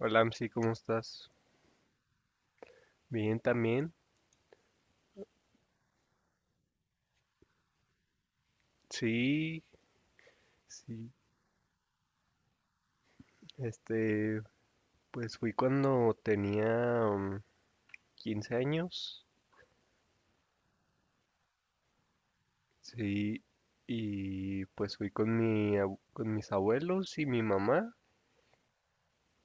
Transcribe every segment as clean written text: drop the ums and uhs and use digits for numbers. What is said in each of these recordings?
Hola, Amsi, ¿cómo estás? Bien, también. Sí, sí. Este, pues fui cuando tenía 15 años. Sí, y pues fui con mis abuelos y mi mamá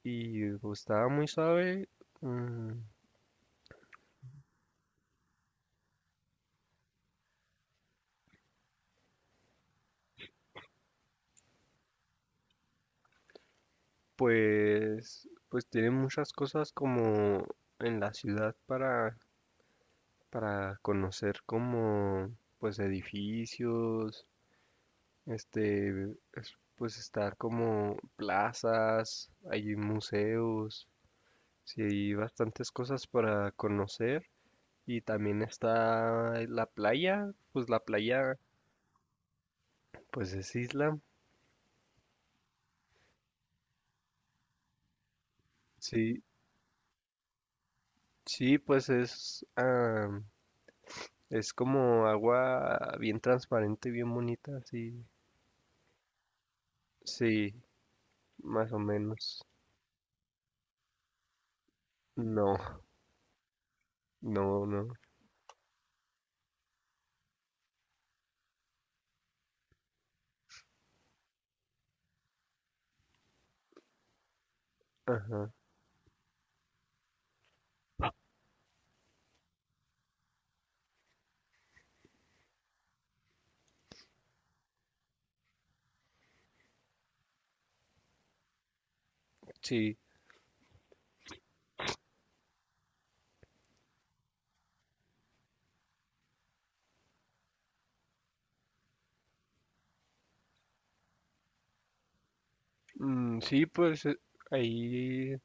y pues, estaba muy suave. mm, pues tiene muchas cosas como en la ciudad para conocer, como pues edificios. Este, pues está como plazas, hay museos, sí, hay bastantes cosas para conocer. Y también está la playa, pues es isla. Sí, sí, pues es como agua bien transparente, bien bonita, sí, sí, más o menos. No, no, no. Ajá, sí. Mm, sí, pues ahí,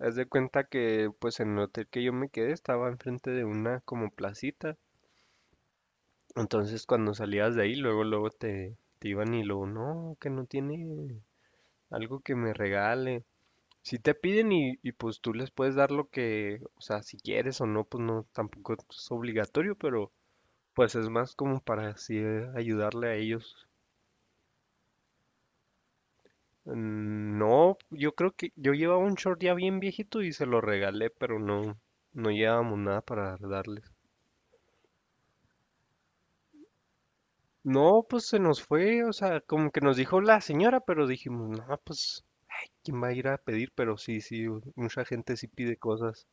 haz de cuenta que pues en el hotel que yo me quedé estaba enfrente de una como placita. Entonces cuando salías de ahí, luego, luego te iban y luego, no, que no tiene algo que me regale. Si te piden y pues tú les puedes dar lo que, o sea, si quieres o no, pues no, tampoco es obligatorio, pero pues es más como para así ayudarle a ellos. Mm, no, yo creo que yo llevaba un short ya bien viejito y se lo regalé, pero no, no llevábamos nada para darle. No, pues se nos fue, o sea, como que nos dijo la señora, pero dijimos, no, pues, ¿quién va a ir a pedir? Pero sí, sí, mucha gente sí pide cosas.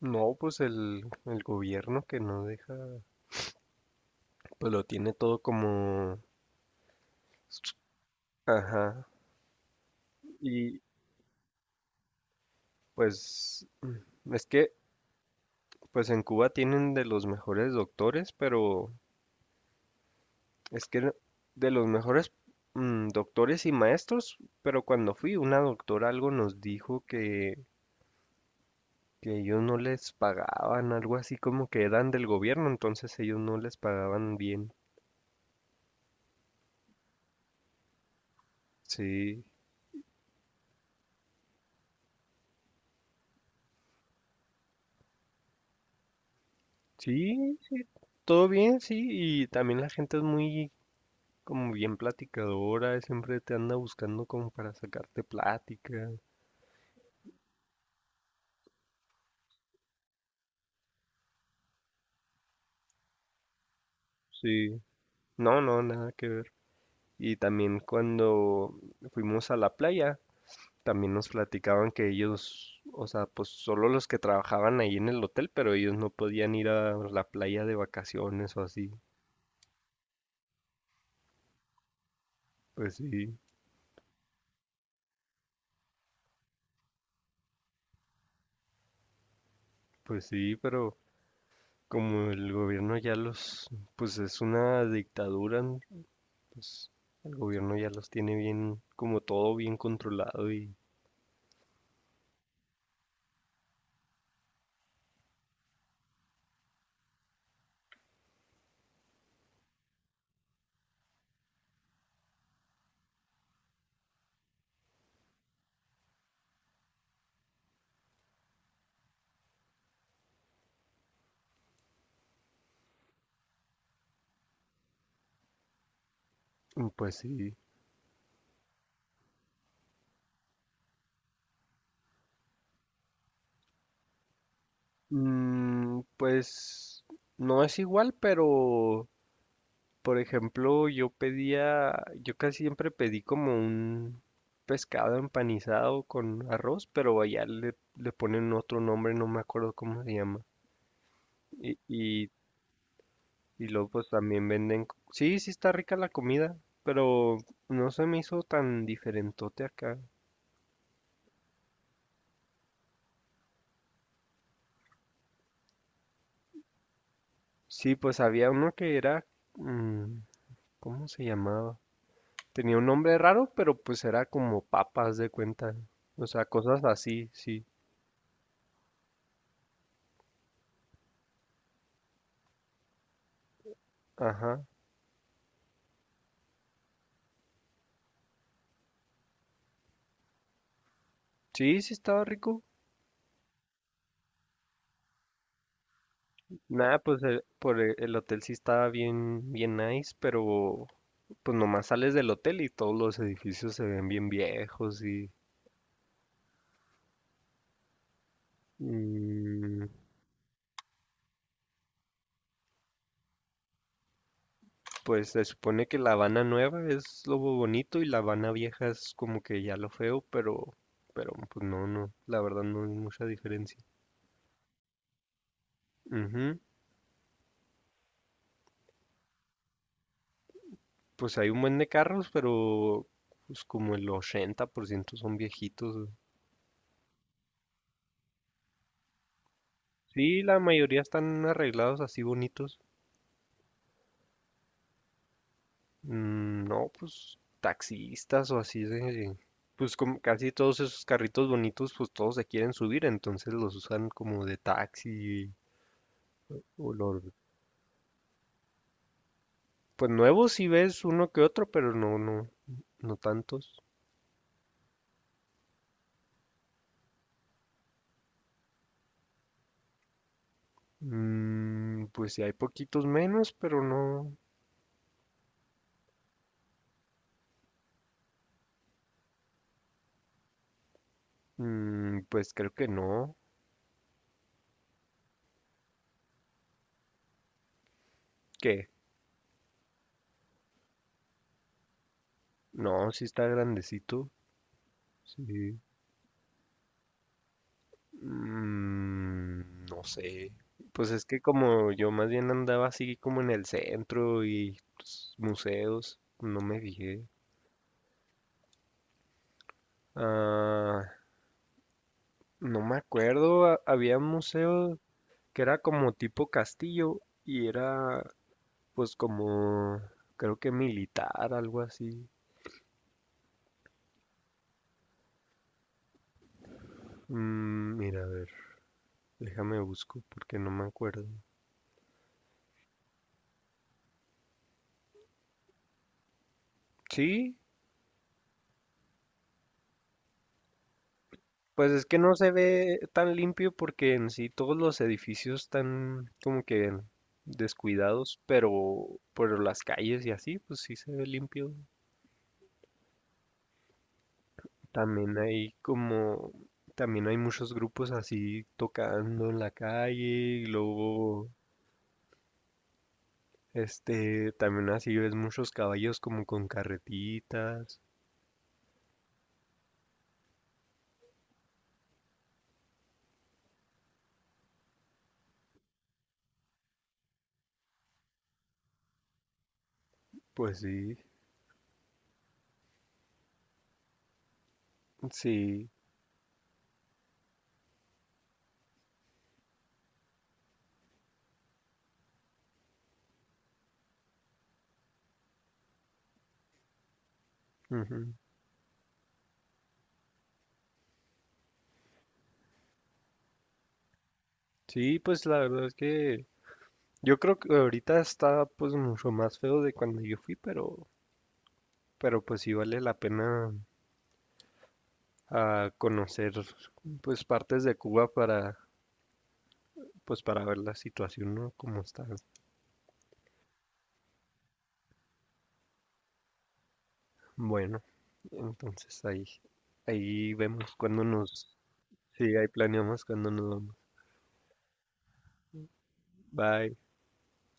No, pues el gobierno que no deja, pues lo tiene todo como, ajá, y pues, es que, pues en Cuba tienen de los mejores doctores, pero es que de los mejores doctores y maestros, pero cuando fui, una doctora algo nos dijo que ellos no les pagaban, algo así como que eran del gobierno, entonces ellos no les pagaban bien. Sí, sí, todo bien, sí, y también la gente es muy como bien platicadora, siempre te anda buscando como para sacarte plática. Sí, no, no, nada que ver. Y también cuando fuimos a la playa, también nos platicaban que ellos, o sea, pues solo los que trabajaban ahí en el hotel, pero ellos no podían ir a la playa de vacaciones o así. Pues sí. Pues sí, pero como el gobierno ya los, pues es una dictadura, ¿no? Pues el gobierno ya los tiene bien, como todo bien controlado y pues sí. Pues no es igual, pero por ejemplo yo pedía, yo casi siempre pedí como un pescado empanizado con arroz, pero allá le, le ponen otro nombre, no me acuerdo cómo se llama. Y, y Y luego pues también venden. Sí, sí está rica la comida, pero no se me hizo tan diferentote acá. Sí, pues había uno que era... mm, ¿cómo se llamaba? Tenía un nombre raro, pero pues era como papas de cuenta. O sea, cosas así, sí. Ajá. Sí, sí estaba rico. Nada, pues por el hotel sí estaba bien, bien nice, pero pues nomás sales del hotel y todos los edificios se ven bien viejos mm, Pues se supone que La Habana nueva es lo bonito y La Habana vieja es como que ya lo feo, pero pues no, no, la verdad no hay mucha diferencia. Ujú, pues hay un buen de carros, pero pues como el 80% son viejitos. Güey. Sí, la mayoría están arreglados así bonitos. Mm, no, pues taxistas o así. Pues como casi todos esos carritos bonitos, pues todos se quieren subir, entonces los usan como de taxi o los pues nuevos sí ves uno que otro, pero no, no, no tantos. Pues sí hay poquitos menos, pero no. Pues creo que no. ¿Qué? No, sí está grandecito. Sí. No sé. Pues es que como yo más bien andaba así como en el centro y pues, museos, no me fijé. Ah, no me acuerdo, había un museo que era como tipo castillo y era pues como creo que militar, algo así. Mira, a ver, déjame busco porque no me acuerdo. Sí, pues es que no se ve tan limpio porque en sí todos los edificios están como que descuidados, pero por las calles y así, pues sí se ve limpio. También hay como, también hay muchos grupos así tocando en la calle y luego, también así ves muchos caballos como con carretitas. Pues sí, sí, ujú. Sí, pues la verdad es que yo creo que ahorita está pues mucho más feo de cuando yo fui, pero pues sí vale la pena conocer pues partes de Cuba para ver la situación, ¿no? Cómo está. Bueno, entonces ahí vemos. Sí, ahí planeamos cuando nos vamos. Bye.